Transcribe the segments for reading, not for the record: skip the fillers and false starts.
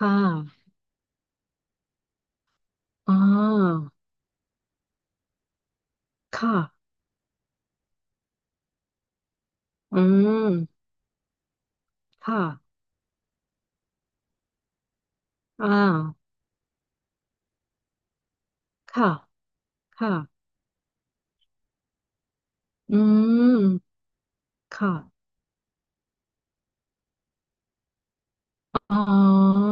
ค่ะอ่าค่ะอืมค่ะอ่าค่ะค่ะอืมค่ะอ๋อ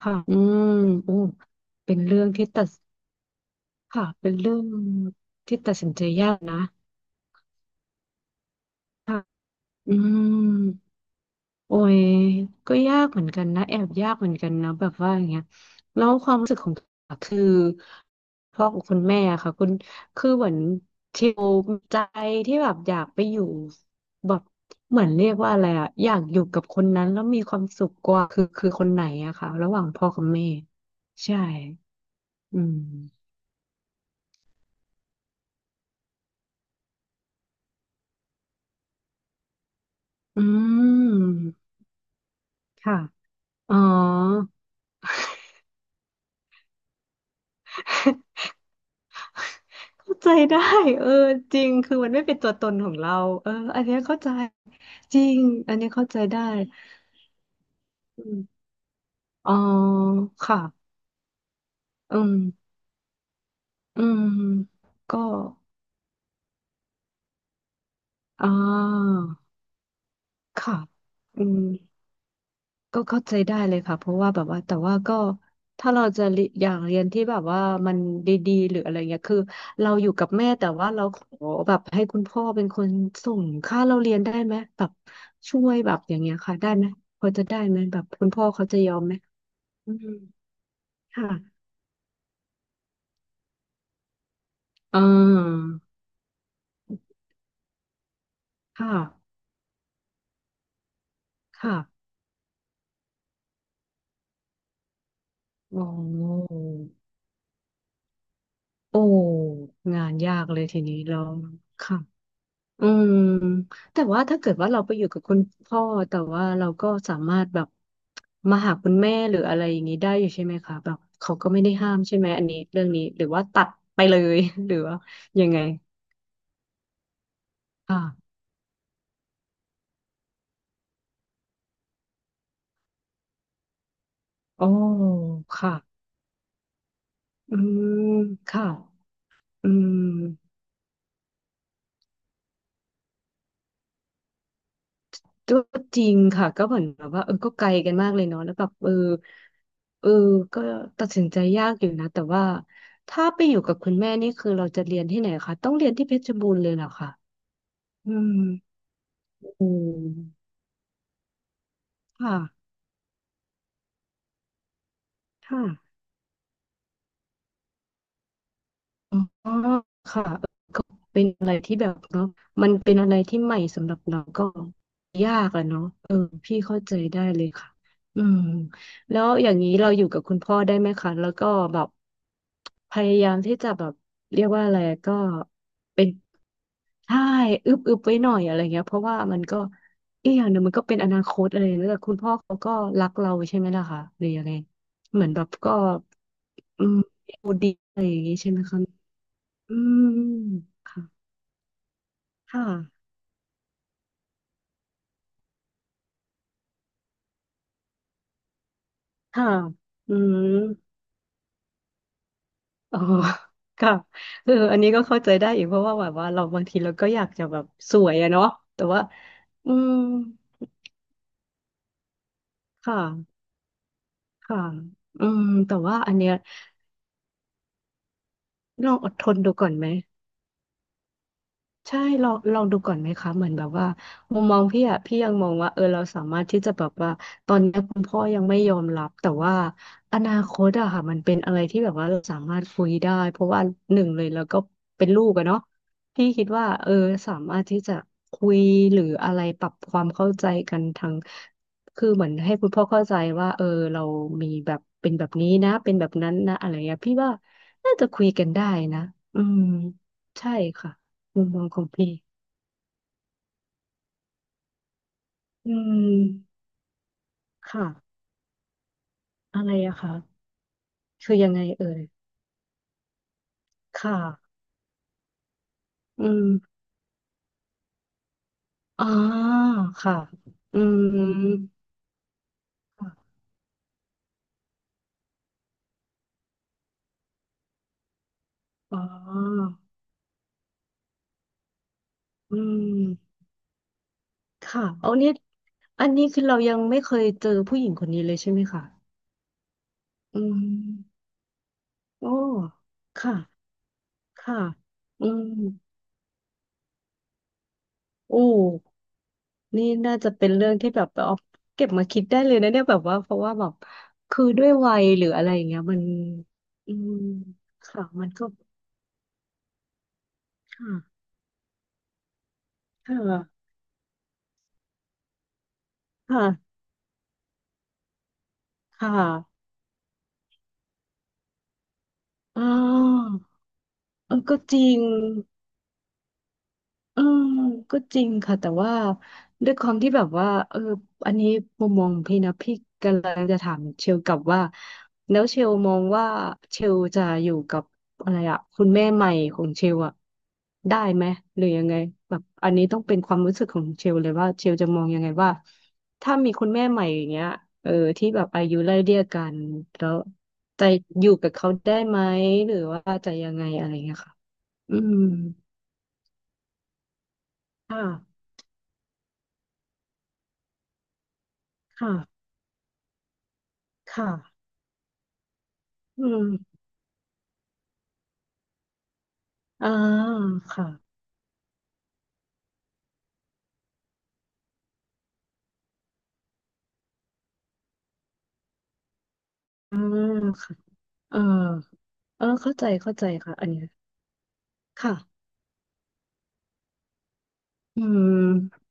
ค่ะอืมโอ้เป็นเรื่องที่ตัดค่ะเป็นเรื่องที่ตัดสินใจยากนะอืม โอ้ยก็ยากเหมือนกันนะแอบยากเหมือนกันนะแบบว่าอย่างเงี้ยแล้วความรู้สึกของคือพ่อของคุณแม่อะค่ะคุณคือเหมือนเทลใจที่แบบอยากไปอยู่แบบเหมือนเรียกว่าอะไรอะอยากอยู่กับคนนั้นแล้วมีความสุขกว่าคือคนไหนอะค่ะระหว่างพ่อกับแม่ใช่อืมอืมค่ะอ๋อ เข้าใจได้เออจริงคือมันไม่เป็นตัวตนของเราเอออันเนี้ยเข้าใจจริงอันเนี้ยเข้าใจได้อืมอ๋อค่ะอืมอืมก็อ่าค่ะอืม ก็เข้าใจได้เลยค่ะเพราะว่าแบบว่าแต่ว่าก็ถ้าเราจะเรียอยากเรียนที่แบบว่ามันดีๆหรืออะไรเงี้ยคือเราอยู่กับแม่แต่ว่าเราขอแบบให้คุณพ่อเป็นคนส่งค่าเราเรียนได้ไหมแบบช่วยแบบอย่างเงี้ยค่ะได้ไหมพอจะได้ไหมแบบคุณพ่อเขาจะยอมไหมอืมค่ะอ่าค่ะค่ะอ๋อโอ้งานยากเลยทีนี้เราค่ะ อืมแต่ว่าถ้าเกิดว่าเราไปอยู่กับคุณพ่อแต่ว่าเราก็สามารถแบบมาหาคุณแม่หรืออะไรอย่างนี้ได้อยู่ใช่ไหมคะแบบเขาก็ไม่ได้ห้ามใช่ไหมอันนี้เรื่องนี้หรือว่าตัดไปเลย หรือว่ายังไงค่ะอ๋อค่ะอืมค่ะอืมก็จริงค่ะก็เหมือนแบบว่าเออก็ไกลกันมากเลยเนาะแล้วแบบเออก็ตัดสินใจยากอยู่นะแต่ว่าถ้าไปอยู่กับคุณแม่นี่คือเราจะเรียนที่ไหนคะต้องเรียนที่เพชรบูรณ์เลยเหรอคะ อืมอืมค่ะค่ะ อ๋อค่ะเออก็เป็นอะไรที่แบบเนาะมันเป็นอะไรที่ใหม่สำหรับเราก็ยากอะเนาะเออพี่เข้าใจได้เลยค่ะอืมแล้วอย่างนี้เราอยู่กับคุณพ่อได้ไหมคะแล้วก็แบบพยายามที่จะแบบเรียกว่าอะไรก็เป็นใช่อึบอึบไว้หน่อยอะไรเงี้ยเพราะว่ามันก็อีกอย่างหนึ่งมันก็เป็นอนาคตอะไรแล้วแต่คุณพ่อเขาก็รักเราใช่ไหมล่ะคะหรือยังไงเหมือนแบบก็อืมโอดีอะไรอย่างงี้ใช่ไหมคะ อืมค่ะค่ะค่ะอืมอ๋อค่ะเอออันนี้ก็เข้าใจได้อีกเพราะว่าแบบว่าเราบางทีเราก็อยากจะแบบสวยอะเนาะแต่ว่าอืมค่ะค่ะอืมแต่ว่าอันเนี้ยลองอดทนดูก่อนไหม ใช่ลองดูก่อนไหมคะเหมือนแบบว่ามุมมองพี่อะพี่ยังมองว่าเออเราสามารถที่จะแบบว่าตอนนี้คุณพ่อยังไม่ยอมรับแต่ว่าอนาคตอะค่ะมันเป็นอะไรที่แบบว่าเราสามารถคุยได้เพราะว่าหนึ่งเลยแล้วก็เป็นลูกอะเนาะพี่คิดว่าเออสามารถที่จะคุยหรืออะไรปรับความเข้าใจกันทางคือเหมือนให้คุณพ่อเข้าใจว่าเออเรามีแบบเป็นแบบนี้นะเป็นแบบนั้นนะอะไรเงี้ยพี่ว่าน่าจะคุยกันได้นะอืมใช่ค่ะ มุมมองของพี่อืมค่ะอะไรอะคะคือยังไงเอ่ยค่ะอืมอ๋อค่ะอืมค่ะอ๋ออืมค่ะเอานี่อันนี้คือเรายังไม่เคยเจอผู้หญิงคนนี้เลยใช่ไหมคะอืมโอ้ค่ะค่ะอืมโอ้ นี่น่าจะเป็นเรื่องที่แบบเอาเก็บมาคิดได้เลยนะเนี่ยแบบว่าเพราะว่าแบบคือด้วยวัยหรืออะไรอย่างเงี้ยมันอืมค่ะมันก็ค่ะค่ะค่ะค่ะอ่าเออก็จริง อืมก็จริงค่ะแต่ว่าด้วยความที่แบบว่าเอออันนี้มุมมองพี่นะพี่กำลังจะถามเชลกลับว่าแล้วเชลมองว่าเชลจะอยู่กับอะไรอะคุณแม่ใหม่ของเชลอะได้ไหมหรือยังไงแบบอันนี้ต้องเป็นความรู้สึกของเชลเลยว่าเชลจะมองยังไงว่าถ้ามีคุณแม่ใหม่อย่างเงี้ยเออที่แบบอายุไล่เลี่ยกันแล้วจะอยู่กับเขาได้ไหมหรือว่าจะยังไงอะไรเงี้ยค่ะอืมค่ะค่ะ ค่ะอืมอ่าค่ะอ่าค่ะ เออเออเข้าใจ ค่ะ อันเนี้ยค่ะอืม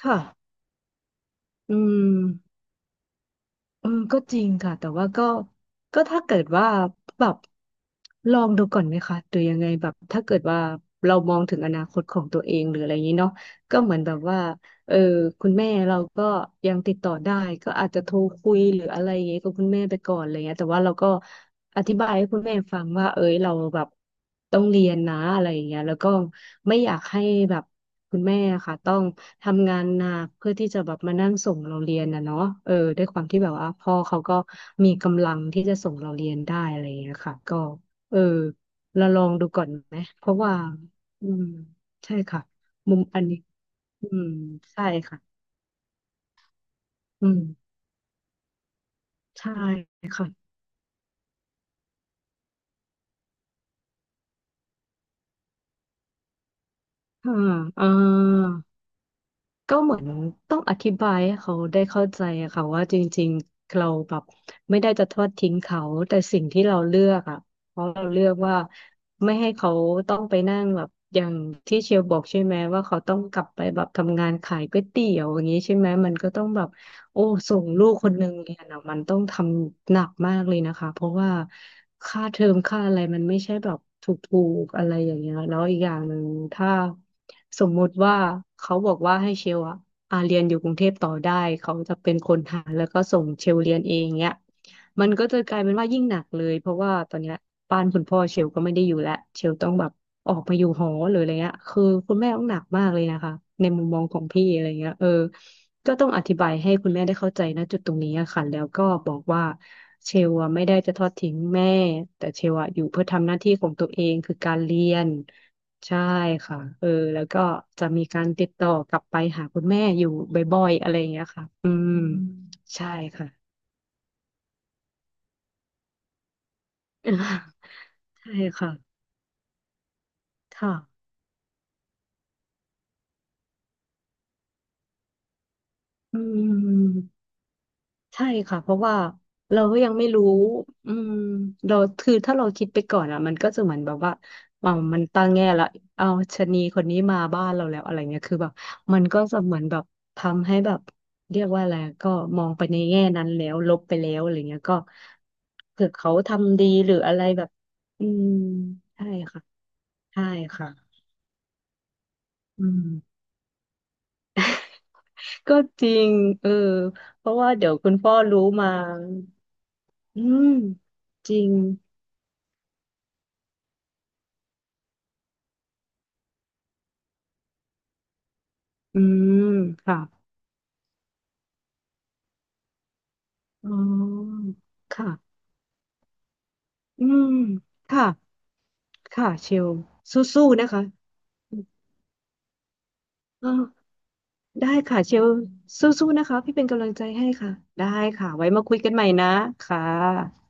ค่ะอืมเออก็จริงค่ะ แต่ว่าก็ก็ถ้าเกิดว่าแบบลองดูก่อนไหมคะหรือยังไงแบบถ้าเกิดว่า เรามองถึงอนาคตของตัวเองหรืออะไรอย่างนี้เนาะก็เหมือนแบบว่า เออคุณแม่เราก็ยังติดต่อได้ก็อาจจะโทรคุยหรืออะไรอย่างเงี้ยกับคุณแม่ไปก่อนอะไรเงี้ยแต่ว่าเราก็อธิบายให้คุณแม่ฟังว่าเอ้ยเราแบบต้องเรียนนะอะไรอย่างเงี้ยแล้วก็ไม่อยากให้แบบคุณแม่ค่ะต้องทำงานหนักเพื่อที่จะแบบมานั่งส่งเราเรียนนะเนาะด้วยความที่แบบว่าพ่อเขาก็มีกำลังที่จะส่งเราเรียนได้อะไรอย่างเงี้ยค่ะก็เออเราลองดูก่อนไหมเพราะว่าอืมใช่ค่ะมุมอันนี้ อืมใช่ค่ะอืมใช่ค่ะเอ่าก็เหมือนต้องอธิบายให้เขาได้เข้าใจอะค่ะว่าจริงๆเราแบบไม่ได้จะทอดทิ้งเขาแต่สิ่งที่เราเลือกอะเพราะเราเลือกว่าไม่ให้เขาต้องไปนั่งแบบอย่างที่เชียวบอกใช่ไหมว่าเขาต้องกลับไปแบบทำงานขายก๋วยเตี๋ยวอย่างนี้ใช่ไหมมันก็ต้องแบบ โอ้ส่งลูกคนหนึ่งเรียนอ่ะมันต้องทำหนักมากเลยนะคะเพราะว่าค่าเทอมค่าอะไรมันไม่ใช่แบบถูกๆอะไรอย่างเงี้ยแล้วอีกอย่างหนึ่งถ้าสมมุติว่าเขาบอกว่าให้เชลอะอาเรียนอยู่กรุงเทพต่อได้เขาจะเป็นคนหาแล้วก็ส่งเชลเรียนเองเนี้ยมันก็จะกลายเป็นว่ายิ่งหนักเลยเพราะว่าตอนเนี้ยบ้านคุณพ่อเชลก็ไม่ได้อยู่แล้วเชลต้องแบบออกมาอยู่หอหรืออะไรเงี้ยคือคุณแม่ต้องหนักมากเลยนะคะในมุมมองของพี่อะไรเงี้ยก็ต้องอธิบายให้คุณแม่ได้เข้าใจนะจุดตรงนี้อะค่ะแล้วก็บอกว่าเชลอะไม่ได้จะทอดทิ้งแม่แต่เชลอะอยู่เพื่อทำหน้าที่ของตัวเองคือการเรียนใช่ค่ะแล้วก็จะมีการติดต่อกลับไปหาคุณแม่อยู่บ่อยๆอะไรอย่างเงี้ยค่ะอืมใช่ค่ะ ใช่ค่ะค่ะอืม ใช่ค่ะเพราะว่าเราก็ยังไม่รู้อืมเราคือถ้าเราคิดไปก่อนอ่ะมันก็จะเหมือนแบบว่ามันตั้งแง่ละเอาชะนีคนนี้มาบ้านเราแล้วอะไรเงี้ยคือแบบมันก็จะเหมือนแบบทำให้แบบเรียกว่าอะไรก็มองไปในแง่นั้นแล้วลบไปแล้วอะไรเงี้ยก็เผื่อเขาทำดีหรืออะไรแบบอืมใช่ค่ะใช่ค่ะอืมก็จริงเออเพราะว่าเดี๋ยวคุณพ่อรู้มาอืมจริง อืมค่ะอ๋อค่ะ อืมค่ะ ค่ะเชลสู้ๆนะคะอ๋อได้ค่ะเชลสู้ๆนะคะ พี่เป็นกำลังใจให้ค่ะ ได้ค่ะ ไว้มาคุยกันใหม่นะค่ะ